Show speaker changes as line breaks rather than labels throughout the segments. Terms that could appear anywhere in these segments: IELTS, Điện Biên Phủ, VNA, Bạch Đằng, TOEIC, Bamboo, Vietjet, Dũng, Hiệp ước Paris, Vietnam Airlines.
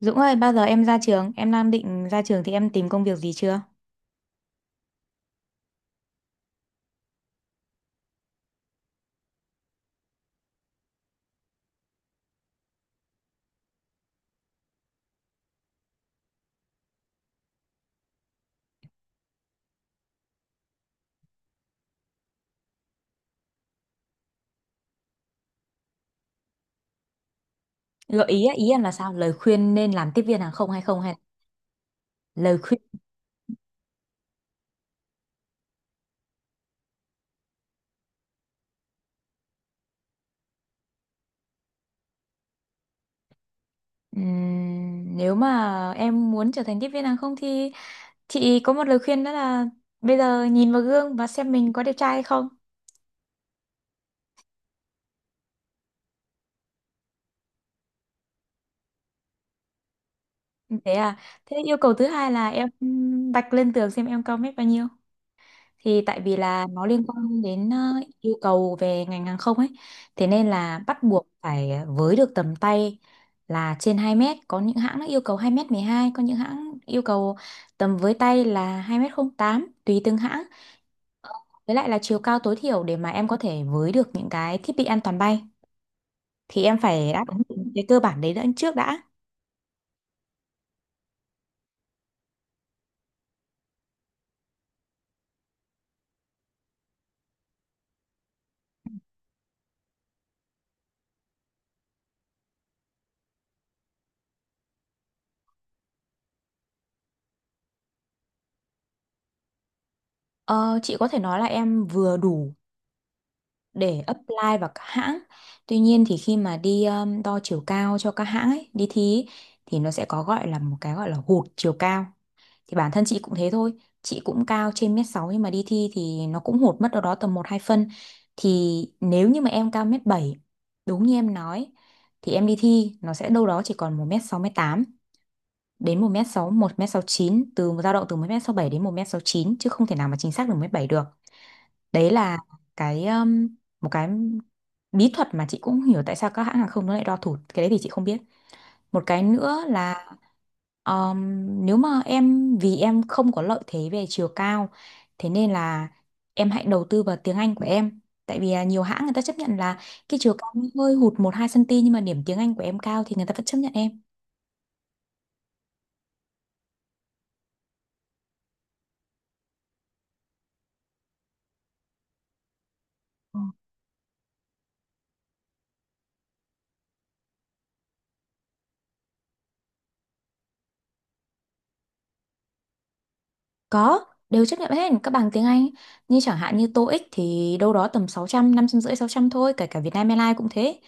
Dũng ơi, bao giờ em ra trường? Em đang định ra trường thì em tìm công việc gì chưa? Gợi ý á, ý em là sao? Lời khuyên nên làm tiếp viên hàng không hay không, hay là lời khuyên. Nếu mà em muốn trở thành tiếp viên hàng không thì chị có một lời khuyên đó là bây giờ nhìn vào gương và xem mình có đẹp trai hay không. Thế à? Thế yêu cầu thứ hai là em vạch lên tường xem em cao mét bao nhiêu, thì tại vì là nó liên quan đến yêu cầu về ngành hàng không ấy, thế nên là bắt buộc phải với được tầm tay là trên 2 mét. Có những hãng nó yêu cầu 2 mét 12, có những hãng yêu cầu tầm với tay là 2 mét 08 tùy từng hãng. Với lại là chiều cao tối thiểu để mà em có thể với được những cái thiết bị an toàn bay thì em phải đáp ứng những cái cơ bản đấy đã, trước đã. Ờ, chị có thể nói là em vừa đủ để apply vào các hãng. Tuy nhiên thì khi mà đi đo chiều cao cho các hãng ấy, đi thi ấy, thì nó sẽ có gọi là một cái gọi là hụt chiều cao. Thì bản thân chị cũng thế thôi. Chị cũng cao trên mét 6 nhưng mà đi thi thì nó cũng hụt mất đâu đó tầm một hai phân. Thì nếu như mà em cao mét 7, đúng như em nói, thì em đi thi nó sẽ đâu đó chỉ còn một mét sáu 1 tám đến một mét sáu chín, từ dao động một mét sáu bảy đến một mét sáu chín chứ không thể nào mà chính xác được một mét bảy được. Đấy là cái một cái bí thuật mà chị cũng hiểu tại sao các hãng hàng không nó lại đo thụt, cái đấy thì chị không biết. Một cái nữa là um, nếu mà em, vì em không có lợi thế về chiều cao, thế nên là em hãy đầu tư vào tiếng Anh của em. Tại vì nhiều hãng người ta chấp nhận là cái chiều cao hơi hụt 1 2 cm nhưng mà điểm tiếng Anh của em cao thì người ta vẫn chấp nhận em. Ừ. Có, đều chấp nhận hết, các bằng tiếng Anh. Như chẳng hạn như TOEIC thì đâu đó tầm sáu trăm trăm năm trăm rưỡi 600 thôi, kể cả Vietnam Airlines cũng thế.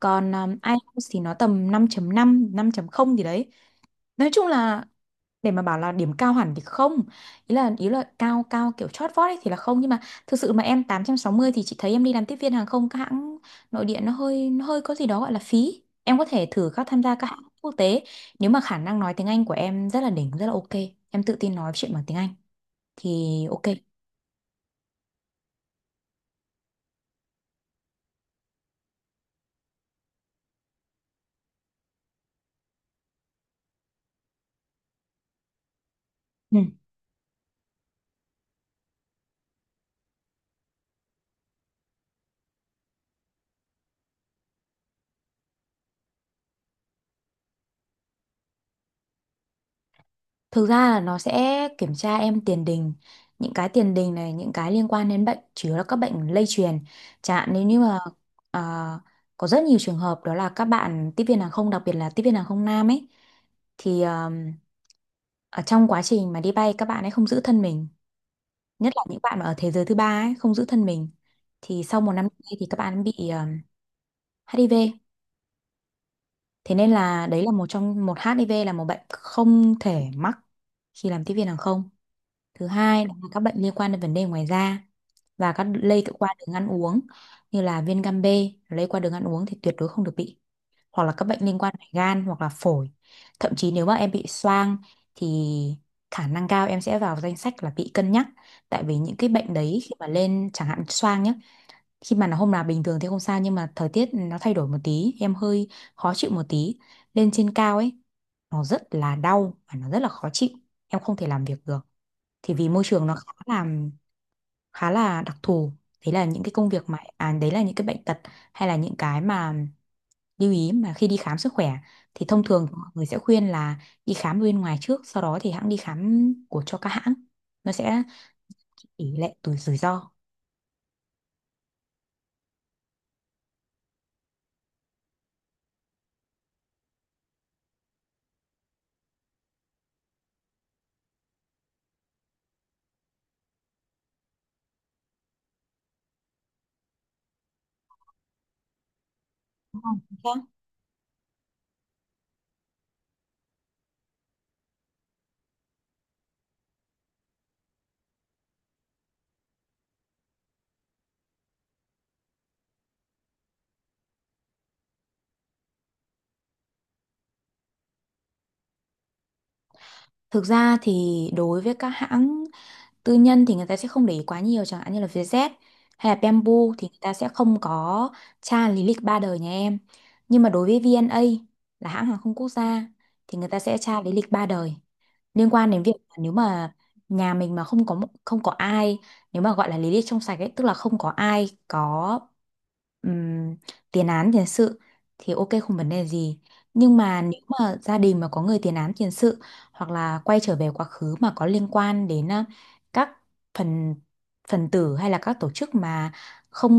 Còn IELTS thì nó tầm năm chấm năm 5 không gì đấy. Nói chung là để mà bảo là điểm cao hẳn thì không. Ý là cao cao kiểu chót vót ấy thì là không, nhưng mà thực sự mà em 860 thì chị thấy em đi làm tiếp viên hàng không các hãng nội địa nó hơi có gì đó gọi là phí. Em có thể thử các tham gia các hãng quốc tế nếu mà khả năng nói tiếng Anh của em rất là đỉnh, rất là ok. Em tự tin nói chuyện bằng tiếng Anh thì ok. Ừ. Thực ra là nó sẽ kiểm tra em tiền đình, những cái tiền đình này, những cái liên quan đến bệnh chủ yếu là các bệnh lây truyền. Chẳng hạn nếu như mà à, có rất nhiều trường hợp đó là các bạn tiếp viên hàng không, đặc biệt là tiếp viên hàng không nam ấy, thì ở trong quá trình mà đi bay các bạn ấy không giữ thân mình, nhất là những bạn mà ở thế giới thứ ba ấy không giữ thân mình, thì sau một năm nay thì các bạn bị HIV. Thế nên là đấy là một trong một HIV là một bệnh không thể mắc khi làm tiếp viên hàng không. Thứ hai là các bệnh liên quan đến vấn đề ngoài da và các lây tự qua đường ăn uống như là viêm gan B, lây qua đường ăn uống thì tuyệt đối không được bị, hoặc là các bệnh liên quan đến gan hoặc là phổi. Thậm chí nếu mà em bị xoang thì khả năng cao em sẽ vào danh sách là bị cân nhắc, tại vì những cái bệnh đấy khi mà lên, chẳng hạn xoang nhá, khi mà nó hôm nào bình thường thì không sao nhưng mà thời tiết nó thay đổi một tí em hơi khó chịu một tí, lên trên cao ấy nó rất là đau và nó rất là khó chịu, em không thể làm việc được, thì vì môi trường nó khá là đặc thù. Đấy là những cái công việc mà đấy là những cái bệnh tật hay là những cái mà lưu ý mà khi đi khám sức khỏe, thì thông thường mọi người sẽ khuyên là đi khám bên ngoài trước, sau đó thì hãng đi khám của cho các hãng nó sẽ tỷ lệ rủi rủi ro. Thực ra thì đối với các hãng tư nhân thì người ta sẽ không để ý quá nhiều chẳng hạn như là Vietjet hay là Bamboo thì người ta sẽ không có tra lý lịch ba đời nhà em. Nhưng mà đối với VNA là hãng hàng không quốc gia thì người ta sẽ tra lý lịch ba đời liên quan đến việc, nếu mà nhà mình mà không có ai, nếu mà gọi là lý lịch trong sạch ấy, tức là không có ai có ừm, tiền án tiền sự thì ok, không vấn đề gì, nhưng mà nếu mà gia đình mà có người tiền án tiền sự hoặc là quay trở về quá khứ mà có liên quan đến các phần phần tử hay là các tổ chức mà không,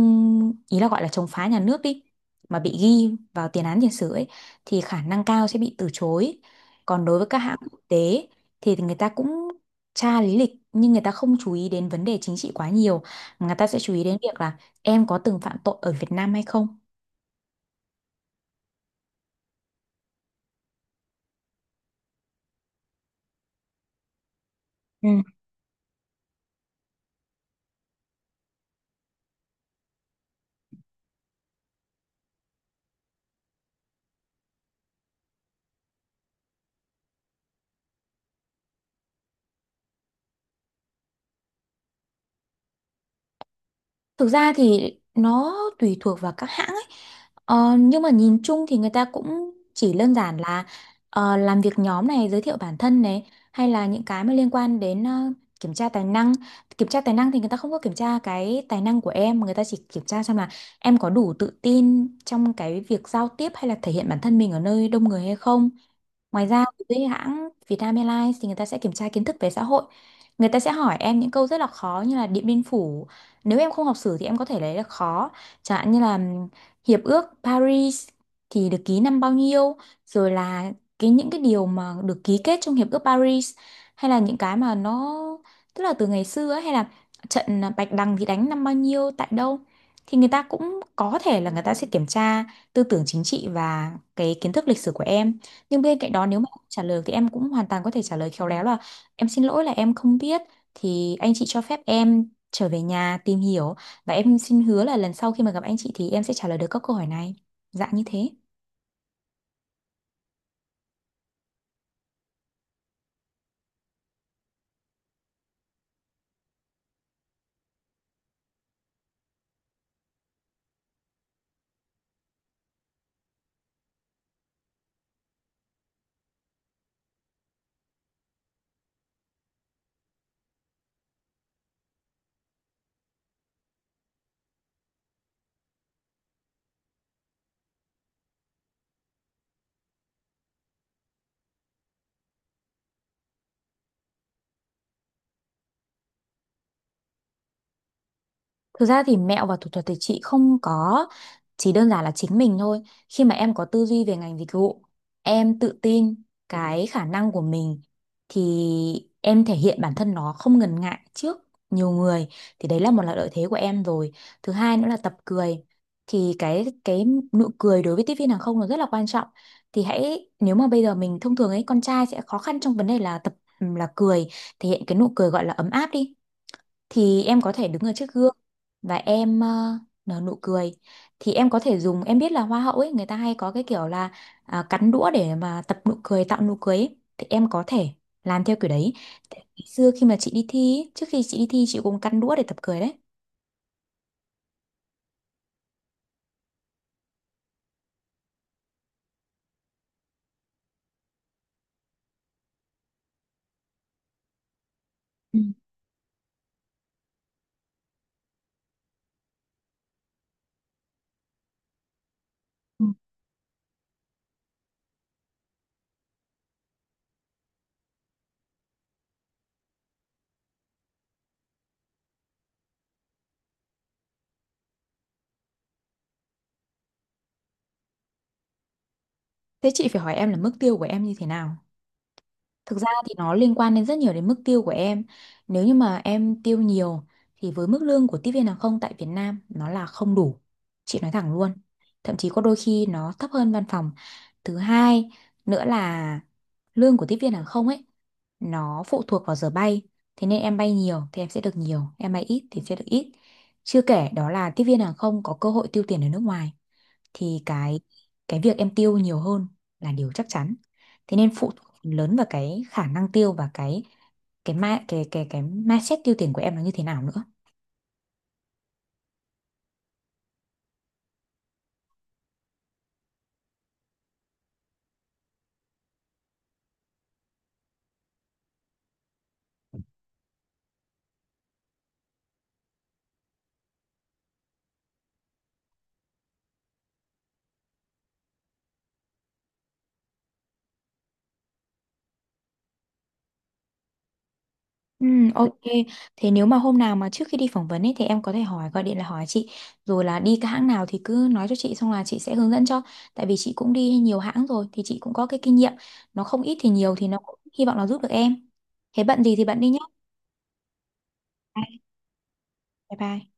ý là gọi là chống phá nhà nước đi, mà bị ghi vào tiền án tiền sử ấy thì khả năng cao sẽ bị từ chối. Còn đối với các hãng quốc tế thì người ta cũng tra lý lịch nhưng người ta không chú ý đến vấn đề chính trị quá nhiều, mà người ta sẽ chú ý đến việc là em có từng phạm tội ở Việt Nam hay không. Ừ. Thực ra thì nó tùy thuộc vào các hãng ấy. Ờ, nhưng mà nhìn chung thì người ta cũng chỉ đơn giản là làm việc nhóm này, giới thiệu bản thân này, hay là những cái mà liên quan đến kiểm tra tài năng. Kiểm tra tài năng thì người ta không có kiểm tra cái tài năng của em, người ta chỉ kiểm tra xem là em có đủ tự tin trong cái việc giao tiếp hay là thể hiện bản thân mình ở nơi đông người hay không. Ngoài ra với hãng Vietnam Airlines thì người ta sẽ kiểm tra kiến thức về xã hội. Người ta sẽ hỏi em những câu rất là khó như là Điện Biên Phủ. Nếu em không học sử thì em có thể lấy là khó. Chẳng hạn như là Hiệp ước Paris thì được ký năm bao nhiêu, rồi là cái những cái điều mà được ký kết trong Hiệp ước Paris hay là những cái mà nó, tức là từ ngày xưa ấy, hay là trận Bạch Đằng thì đánh năm bao nhiêu tại đâu, thì người ta cũng có thể là người ta sẽ kiểm tra tư tưởng chính trị và cái kiến thức lịch sử của em. Nhưng bên cạnh đó nếu mà không trả lời thì em cũng hoàn toàn có thể trả lời khéo léo là em xin lỗi là em không biết, thì anh chị cho phép em trở về nhà tìm hiểu, và em xin hứa là lần sau khi mà gặp anh chị thì em sẽ trả lời được các câu hỏi này, dạng như thế. Thực ra thì mẹo và thủ thuật thì chị không có, chỉ đơn giản là chính mình thôi. Khi mà em có tư duy về ngành dịch vụ, em tự tin cái khả năng của mình, thì em thể hiện bản thân nó không ngần ngại trước nhiều người, thì đấy là một là lợi thế của em rồi. Thứ hai nữa là tập cười. Thì cái nụ cười đối với tiếp viên hàng không nó rất là quan trọng. Thì hãy, nếu mà bây giờ mình thông thường ấy, con trai sẽ khó khăn trong vấn đề là tập là cười, thể hiện cái nụ cười gọi là ấm áp đi, thì em có thể đứng ở trước gương và em nở nụ cười. Thì em có thể dùng, em biết là hoa hậu ấy người ta hay có cái kiểu là cắn đũa để mà tập nụ cười, tạo nụ cười ấy, thì em có thể làm theo kiểu đấy. Tại ngày xưa khi mà chị đi thi ấy, trước khi chị đi thi chị cũng cắn đũa để tập cười đấy. Ừ. Ừ. Thế chị phải hỏi em là mức tiêu của em như thế nào. Thực ra thì nó liên quan đến rất nhiều đến mức tiêu của em. Nếu như mà em tiêu nhiều thì với mức lương của tiếp viên hàng không tại Việt Nam nó là không đủ. Chị nói thẳng luôn. Thậm chí có đôi khi nó thấp hơn văn phòng. Thứ hai nữa là lương của tiếp viên hàng không ấy nó phụ thuộc vào giờ bay. Thế nên em bay nhiều thì em sẽ được nhiều, em bay ít thì sẽ được ít. Chưa kể đó là tiếp viên hàng không có cơ hội tiêu tiền ở nước ngoài, thì cái việc em tiêu nhiều hơn là điều chắc chắn, thế nên phụ thuộc phần lớn vào cái khả năng tiêu và cái ma cái mindset tiêu tiền của em là như thế nào nữa. Ừ, ok. Thế nếu mà hôm nào mà trước khi đi phỏng vấn ấy thì em có thể hỏi, gọi điện là hỏi chị, rồi là đi cái hãng nào thì cứ nói cho chị, xong là chị sẽ hướng dẫn cho. Tại vì chị cũng đi nhiều hãng rồi thì chị cũng có cái kinh nghiệm. Nó không ít thì nhiều thì nó cũng hy vọng là giúp được em. Thế bận gì thì bận đi nhé. Bye bye.